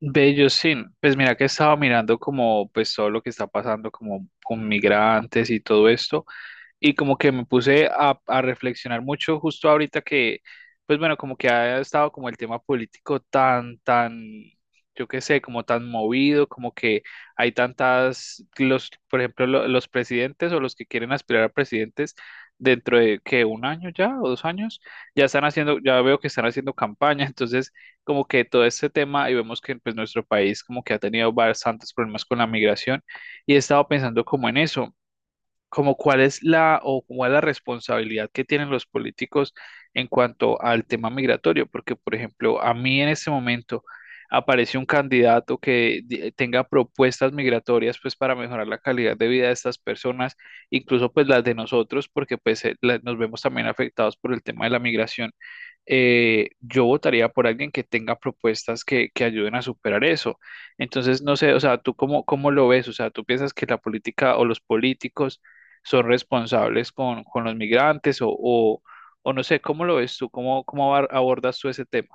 Bello, sí. Pues mira que estaba mirando, como pues, todo lo que está pasando como con migrantes y todo esto, y como que me puse a reflexionar mucho justo ahorita que, pues bueno, como que ha estado como el tema político tan, yo qué sé, como tan movido, como que hay tantas, los, por ejemplo, los presidentes o los que quieren aspirar a presidentes dentro de que un año ya o dos años, ya están haciendo, ya veo que están haciendo campaña, entonces como que todo este tema. Y vemos que pues nuestro país como que ha tenido bastantes problemas con la migración, y he estado pensando como en eso, como cuál es la, o cuál es la responsabilidad que tienen los políticos en cuanto al tema migratorio. Porque, por ejemplo, a mí, en este momento, aparece un candidato que tenga propuestas migratorias pues para mejorar la calidad de vida de estas personas, incluso pues las de nosotros, porque pues nos vemos también afectados por el tema de la migración, yo votaría por alguien que tenga propuestas que ayuden a superar eso. Entonces, no sé, o sea, ¿tú cómo, cómo lo ves? O sea, ¿tú piensas que la política o los políticos son responsables con los migrantes o no sé, ¿cómo lo ves tú? ¿Cómo, abordas tú ese tema?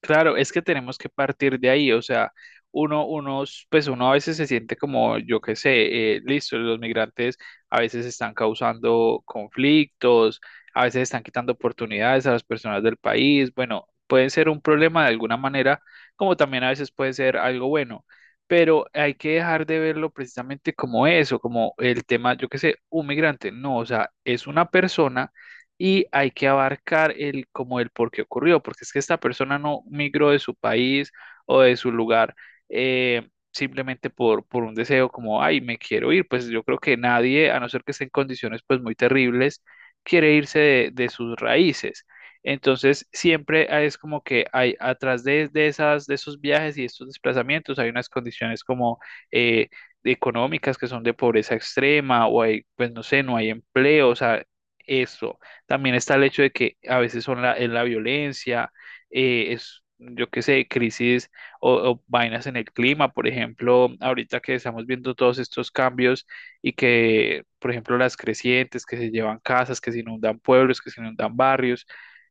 Claro, es que tenemos que partir de ahí. O sea, uno, unos, pues uno a veces se siente como, yo qué sé, listo, los migrantes a veces están causando conflictos, a veces están quitando oportunidades a las personas del país, bueno, pueden ser un problema de alguna manera, como también a veces puede ser algo bueno, pero hay que dejar de verlo precisamente como eso, como el tema, yo qué sé, un migrante, no, o sea, es una persona, y hay que abarcar el como el por qué ocurrió, porque es que esta persona no migró de su país o de su lugar simplemente por un deseo como, ay, me quiero ir. Pues yo creo que nadie, a no ser que esté en condiciones pues muy terribles, quiere irse de sus raíces. Entonces, siempre es como que hay atrás de esas, de esos viajes y estos desplazamientos, hay unas condiciones como eh, económicas, que son de pobreza extrema, o hay, pues no sé, no hay empleo, o sea, eso. También está el hecho de que a veces son la, es la violencia, es, yo qué sé, crisis o, vainas en el clima. Por ejemplo, ahorita que estamos viendo todos estos cambios, y que, por ejemplo, las crecientes que se llevan casas, que se inundan pueblos, que se inundan barrios,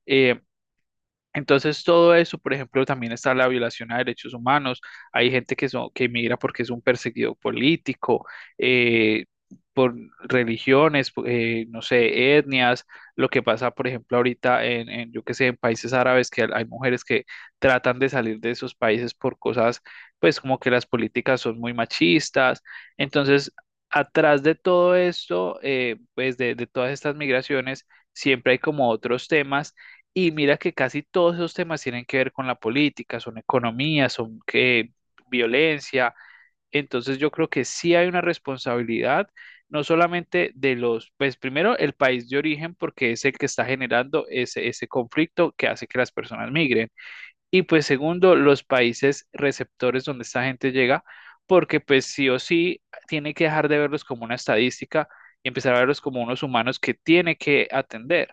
eh, entonces, todo eso. Por ejemplo, también está la violación a derechos humanos. Hay gente que, son, que migra porque es un perseguido político, eh, por religiones, no sé, etnias. Lo que pasa, por ejemplo, ahorita en, yo qué sé, en países árabes, que hay mujeres que tratan de salir de esos países por cosas, pues como que las políticas son muy machistas. Entonces, atrás de todo esto, pues de todas estas migraciones, siempre hay como otros temas, y mira que casi todos esos temas tienen que ver con la política, son economía, son que violencia. Entonces yo creo que sí hay una responsabilidad, no solamente de los, pues primero el país de origen, porque es el que está generando ese, ese conflicto que hace que las personas migren. Y pues segundo, los países receptores donde esta gente llega, porque pues sí o sí tiene que dejar de verlos como una estadística y empezar a verlos como unos humanos que tiene que atender.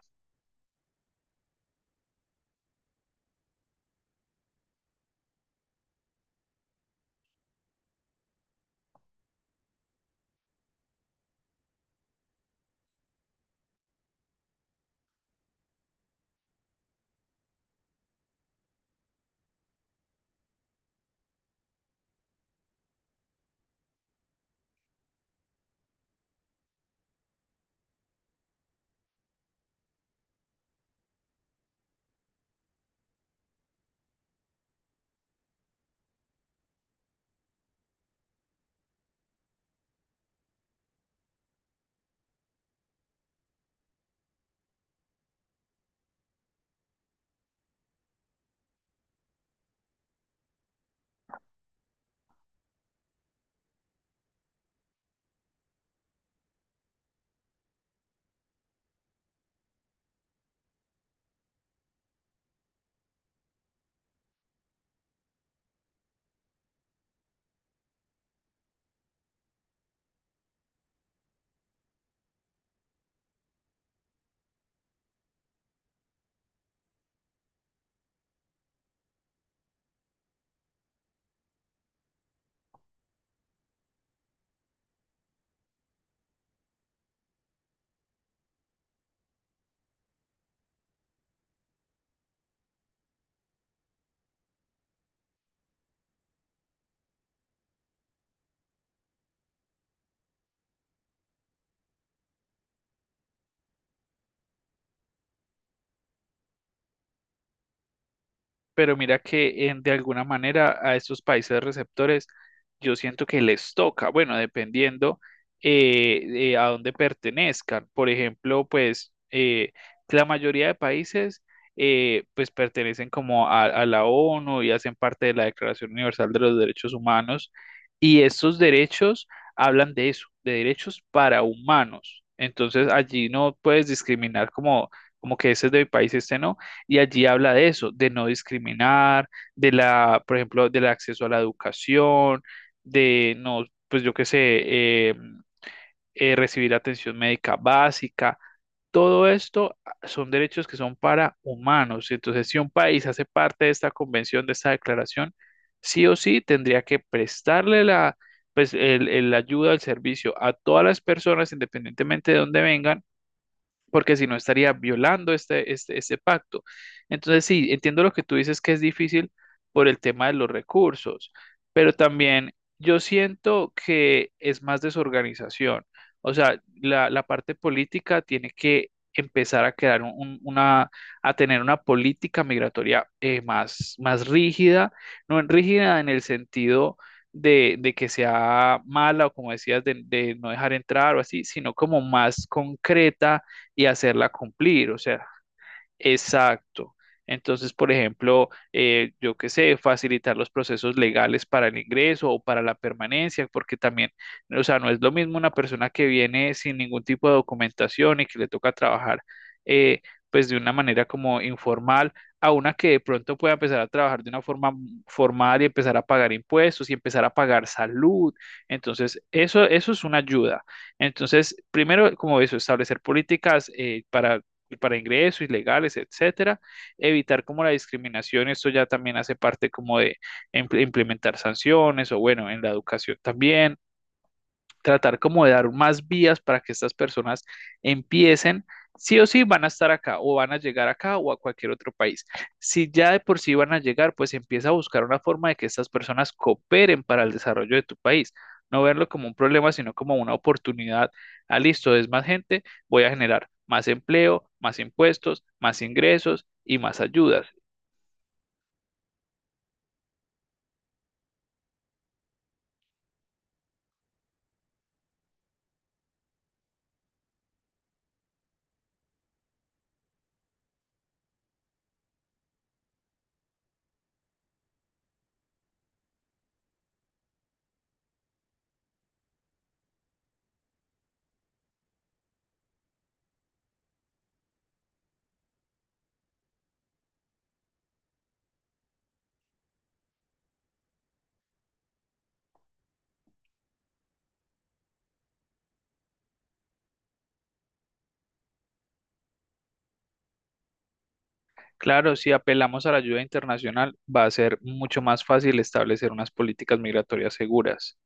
Pero mira que de alguna manera a estos países receptores yo siento que les toca, bueno, dependiendo a dónde pertenezcan. Por ejemplo, pues la mayoría de países pues pertenecen como a la ONU, y hacen parte de la Declaración Universal de los Derechos Humanos, y estos derechos hablan de eso, de derechos para humanos. Entonces allí no puedes discriminar como, como que ese es de mi país, este no. Y allí habla de eso, de no discriminar, de la, por ejemplo, del acceso a la educación, de no, pues yo qué sé, recibir atención médica básica. Todo esto ah, son derechos que son para humanos. Entonces, si un país hace parte de esta convención, de esta declaración, sí o sí tendría que prestarle la, pues, el ayuda, el servicio a todas las personas, independientemente de dónde vengan, porque si no estaría violando este, este, este pacto. Entonces, sí, entiendo lo que tú dices, que es difícil por el tema de los recursos, pero también yo siento que es más desorganización. O sea, la parte política tiene que empezar a crear una, a tener una política migratoria más, más rígida. No en rígida en el sentido de que sea mala, o como decías, de no dejar entrar o así, sino como más concreta, y hacerla cumplir. O sea, exacto. Entonces, por ejemplo, yo qué sé, facilitar los procesos legales para el ingreso o para la permanencia, porque también, o sea, no es lo mismo una persona que viene sin ningún tipo de documentación y que le toca trabajar, eh, pues de una manera como informal, a una que de pronto pueda empezar a trabajar de una forma formal y empezar a pagar impuestos y empezar a pagar salud. Entonces, eso es una ayuda. Entonces, primero, como eso, establecer políticas para ingresos, ilegales, etcétera. Evitar como la discriminación, esto ya también hace parte como de implementar sanciones, o bueno, en la educación también, tratar como de dar más vías para que estas personas empiecen, sí o sí van a estar acá, o van a llegar acá o a cualquier otro país. Si ya de por sí van a llegar, pues empieza a buscar una forma de que estas personas cooperen para el desarrollo de tu país. No verlo como un problema, sino como una oportunidad. Ah, listo, es más gente, voy a generar más empleo, más impuestos, más ingresos y más ayudas. Claro, si apelamos a la ayuda internacional, va a ser mucho más fácil establecer unas políticas migratorias seguras.